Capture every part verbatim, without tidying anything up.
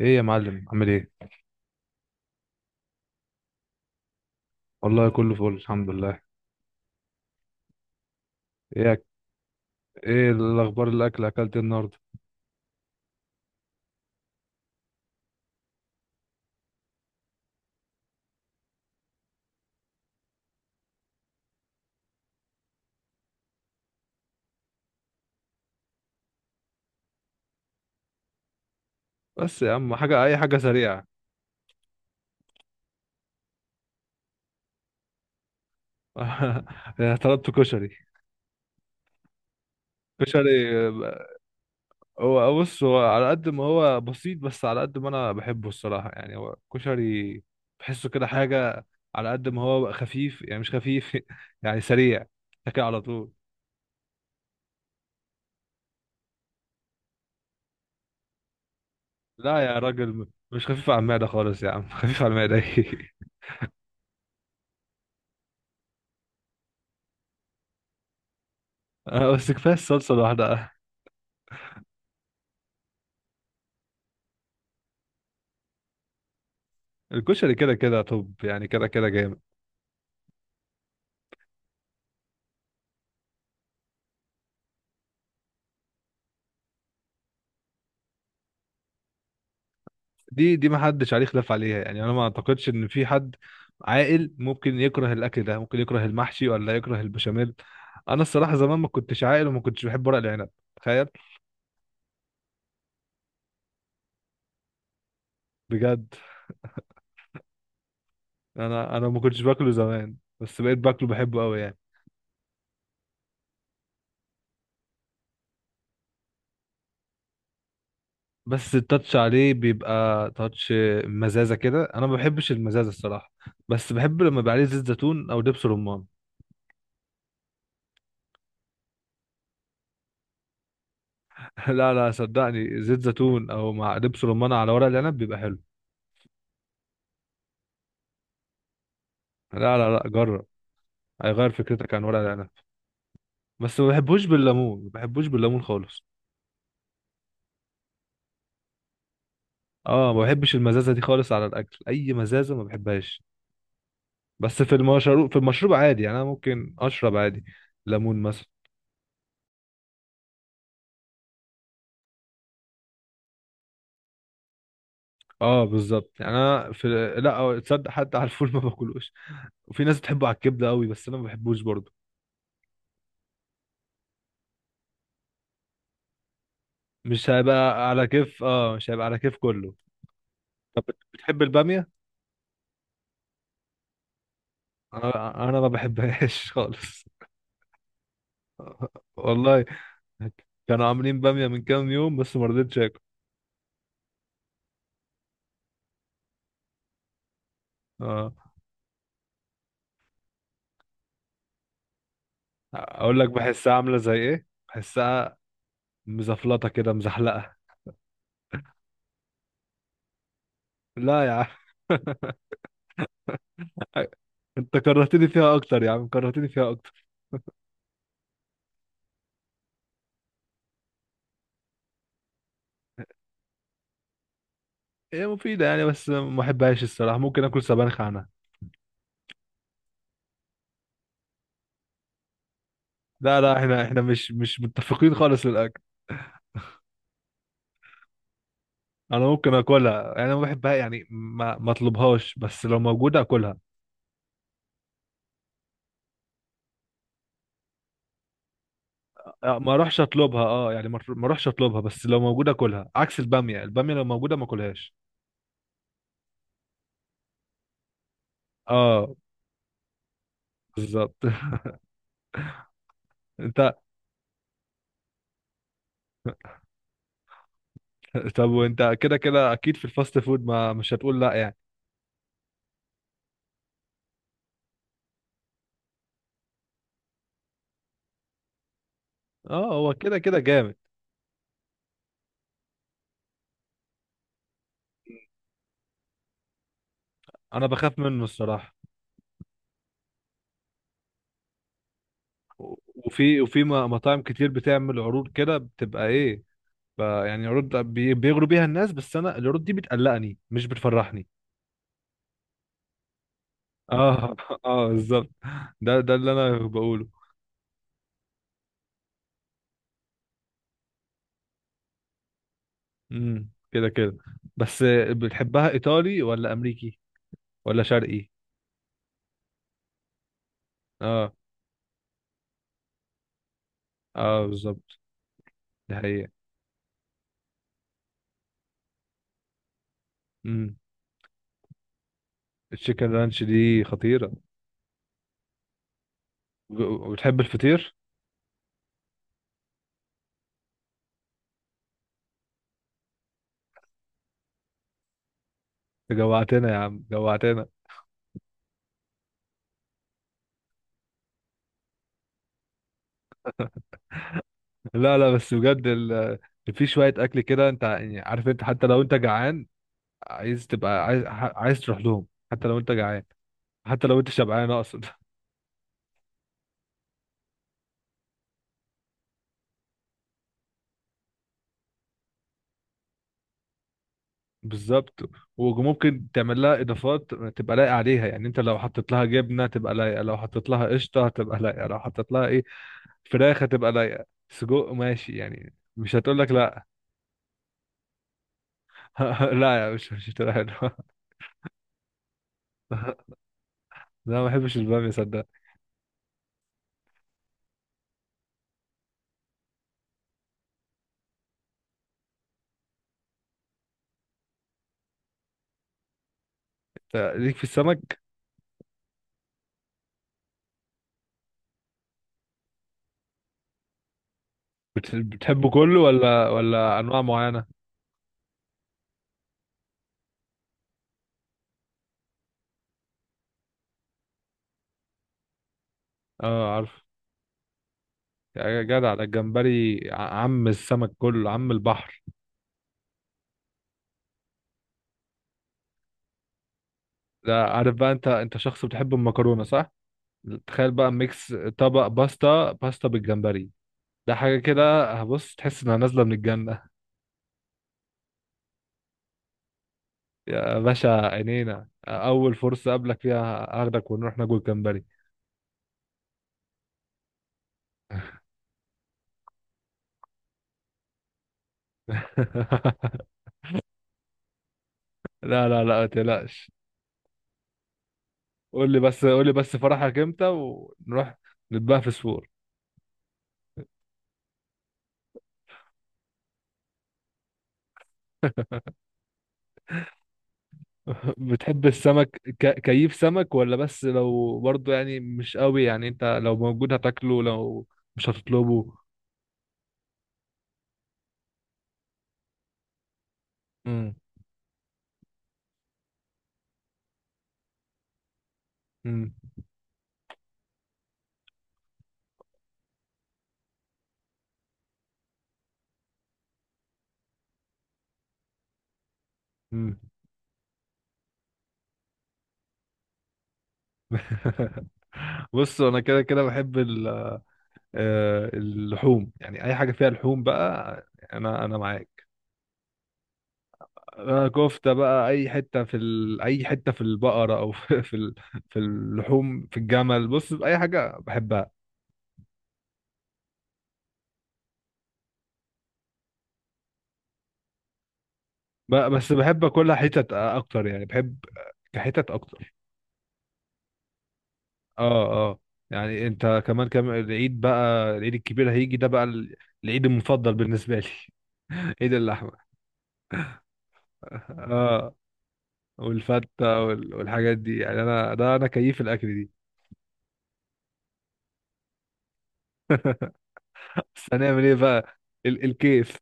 ايه يا معلم، عامل ايه؟ والله كله فل، الحمد لله. ايه أك... ايه الاخبار؟ الاكل اكلت إيه النهارده؟ بس يا عم حاجه، اي حاجه سريعه. طلبت كشري. كشري، آه. هو بص، هو على قد ما هو بسيط، بس على قد ما انا بحبه الصراحه، يعني هو كشري. بحسه كده حاجه. على قد ما هو خفيف يعني مش خفيف، يعني سريع، تاكل على طول. لا يا راجل، م- مش خفيف على المعده خالص يا عم. خفيف على المعده؟ ايه. آه، بس كفايه الصلصه لوحدها. الكشري كده كده، طب يعني كده كده جامد. دي دي ما حدش عليه خلاف عليها، يعني انا ما اعتقدش ان في حد عاقل ممكن يكره الاكل ده، ممكن يكره المحشي ولا يكره البشاميل. انا الصراحه زمان ما كنتش عاقل، وما كنتش بحب ورق العنب، تخيل. بجد انا انا ما كنتش باكله زمان، بس بقيت باكله، بحبه قوي يعني. بس التاتش عليه بيبقى تاتش، مزازه كده، انا ما بحبش المزازه الصراحه. بس بحب لما يبقى عليه زيت زيتون او دبس رمان. لا، لا، صدقني، زيت زيتون او مع دبس رمان على ورق العنب بيبقى حلو. لا، لا، لا، جرب، هيغير فكرتك عن ورق العنب. بس ما بحبوش بالليمون، ما بحبوش بالليمون خالص. اه، ما بحبش المزازه دي خالص على الاكل، اي مزازه ما بحبهاش. بس في المشروب، في المشروب عادي، يعني انا ممكن اشرب عادي ليمون مثلا. اه بالظبط، يعني انا في. لا، تصدق حتى على الفول ما باكلوش. وفي ناس بتحبه على الكبده قوي بس انا ما بحبوش برضه. مش هيبقى على كيف، اه مش هيبقى على كيف كله. طب بتحب الباميه؟ انا انا ما بحبهاش خالص، والله. كانوا عاملين بامية من كام يوم بس ما رضيتش اكل. اه، اقول لك بحسها عاملة زي ايه، بحسها مزفلطة كده، مزحلقة. لا يا عم. انت كرهتني فيها اكتر يا عم، كرهتني فيها اكتر. هي مفيدة يعني، بس ما بحبهاش الصراحة، ممكن اكل سبانخ عنها. لا، لا، احنا احنا مش مش متفقين خالص للاكل. انا ممكن اكلها، يعني ما بحبها يعني، ما ما اطلبهاش، بس لو موجودة اكلها. آه، ما اروحش اطلبها، اه يعني ما ما اروحش اطلبها، بس لو موجودة اكلها، عكس البامية، البامية لو موجودة ما اكلهاش. اه بالظبط. انت. طب وانت كده كده اكيد في الفاست فود ما مش هتقول لا يعني. اه هو كده كده جامد. انا بخاف منه الصراحه. و- وفي وفي م- مطاعم كتير بتعمل عروض كده، بتبقى ايه، ب- يعني عروض بي- بيغروا بيها الناس، بس انا العروض دي بتقلقني مش بتفرحني. اه اه بالظبط، ده ده اللي انا بقوله. امم كده كده. بس بتحبها ايطالي ولا امريكي ولا شرقي؟ اه، اه بالظبط، دي حقيقه. امم. التشيكن رانش دي خطيره. وبتحب الفطير؟ جوعتنا يا عم، جوعتنا. لا، لا، بس بجد ال... في شوية أكل كده، أنت يعني عارف، أنت حتى لو أنت جعان عايز تبقى، عايز ح- عايز تروح لهم، حتى لو أنت جعان، حتى لو أنت شبعان أقصد. بالظبط. وممكن تعمل لها إضافات تبقى لايقة عليها، يعني أنت لو حطيت لها جبنة تبقى لايقة، لو حطيت لها قشطة هتبقى لايقة، لو حطيت لها إيه فراخ هتبقى لايقة، سجق ماشي، يعني مش هتقول لك لا. لا يا، مش مش هتقول لها لا. لا، ما بحبش البامية صدق. ليك في السمك؟ بت- بتحبه كله ولا ولا انواع معينه؟ اه عارف. يا جدع، ده الجمبري ع- عم السمك كله، عم البحر. ده عارف بقى، انت انت شخص بتحب المكرونه صح. تخيل بقى، ميكس طبق باستا، باستا بالجمبري، ده حاجه كده هبص، تحس انها نازله من الجنه. يا باشا عينينا، اول فرصه اقابلك فيها هاخدك ونروح ناكل جمبري. لا، لا، لا، ما تقلقش. قول لي بس، قول لي بس فرحك امتى ونروح نتبقى في سور. بتحب السمك؟ ك... كيف سمك؟ ولا بس لو برضو، يعني مش قوي، يعني انت لو موجود هتاكله، لو مش هتطلبه. امم. امم. امم. بص انا كده كده بحب ال... آه، اللحوم، يعني اي حاجه فيها لحوم بقى، انا انا معاك. انا كفته بقى، اي حته في ال... اي حته في البقره، او في في ال... في اللحوم، في الجمل، بص اي حاجه بحبها. ب- بس بحب اكلها حتت اكتر يعني، بحب كحتت اكتر. اه، اه. يعني انت كمان كم العيد بقى، العيد الكبير هيجي ده بقى، ال- العيد المفضل بالنسبه لي. عيد اللحمه. اه، والفته وال- والحاجات دي يعني، انا ده انا كيف الاكل دي، بس هنعمل ايه بقى؟ ال الكيف.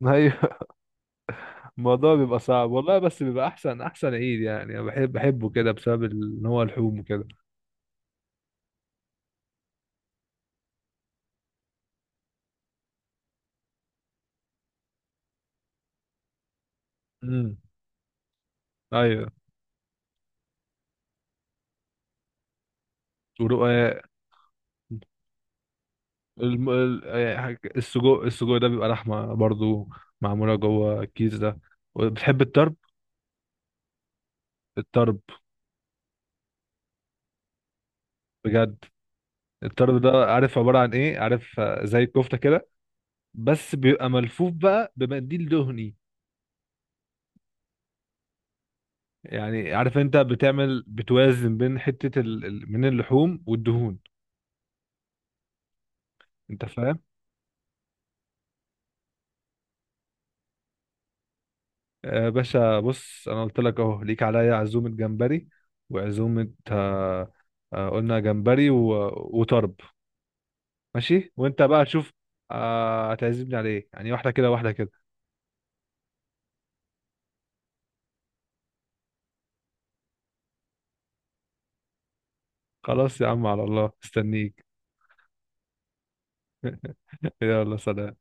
ايوه. الموضوع بيبقى صعب، والله، بس بيبقى احسن احسن عيد، يعني انا بحب بحبه كده بسبب ال- ان هو لحوم وكده. امم. ايوه. ورقاق. الم... ال- آه، حاجة- السجق، السجق ده بيبقى لحمه برضو، معموله جوه الكيس ده. بتحب الطرب؟ الطرب. بجد. الطرب ده عارف عبارة عن ايه؟ عارف آه، زي الكفتة كده، بس بيبقى ملفوف بقى بمنديل دهني. يعني عارف انت بتعمل بتوازن بين حتة ال... ال- من اللحوم والدهون. انت فاهم. آه، يا باشا، بص انا قلت لك اهو ليك عليا عزومة جمبري، وعزومة آه، آه، قلنا جمبري و... وطرب، ماشي، وانت بقى تشوف. آه، هتعزمني على ايه يعني؟ واحدة كده، واحدة كده. خلاص يا عم، على الله استنيك. يلا سلام.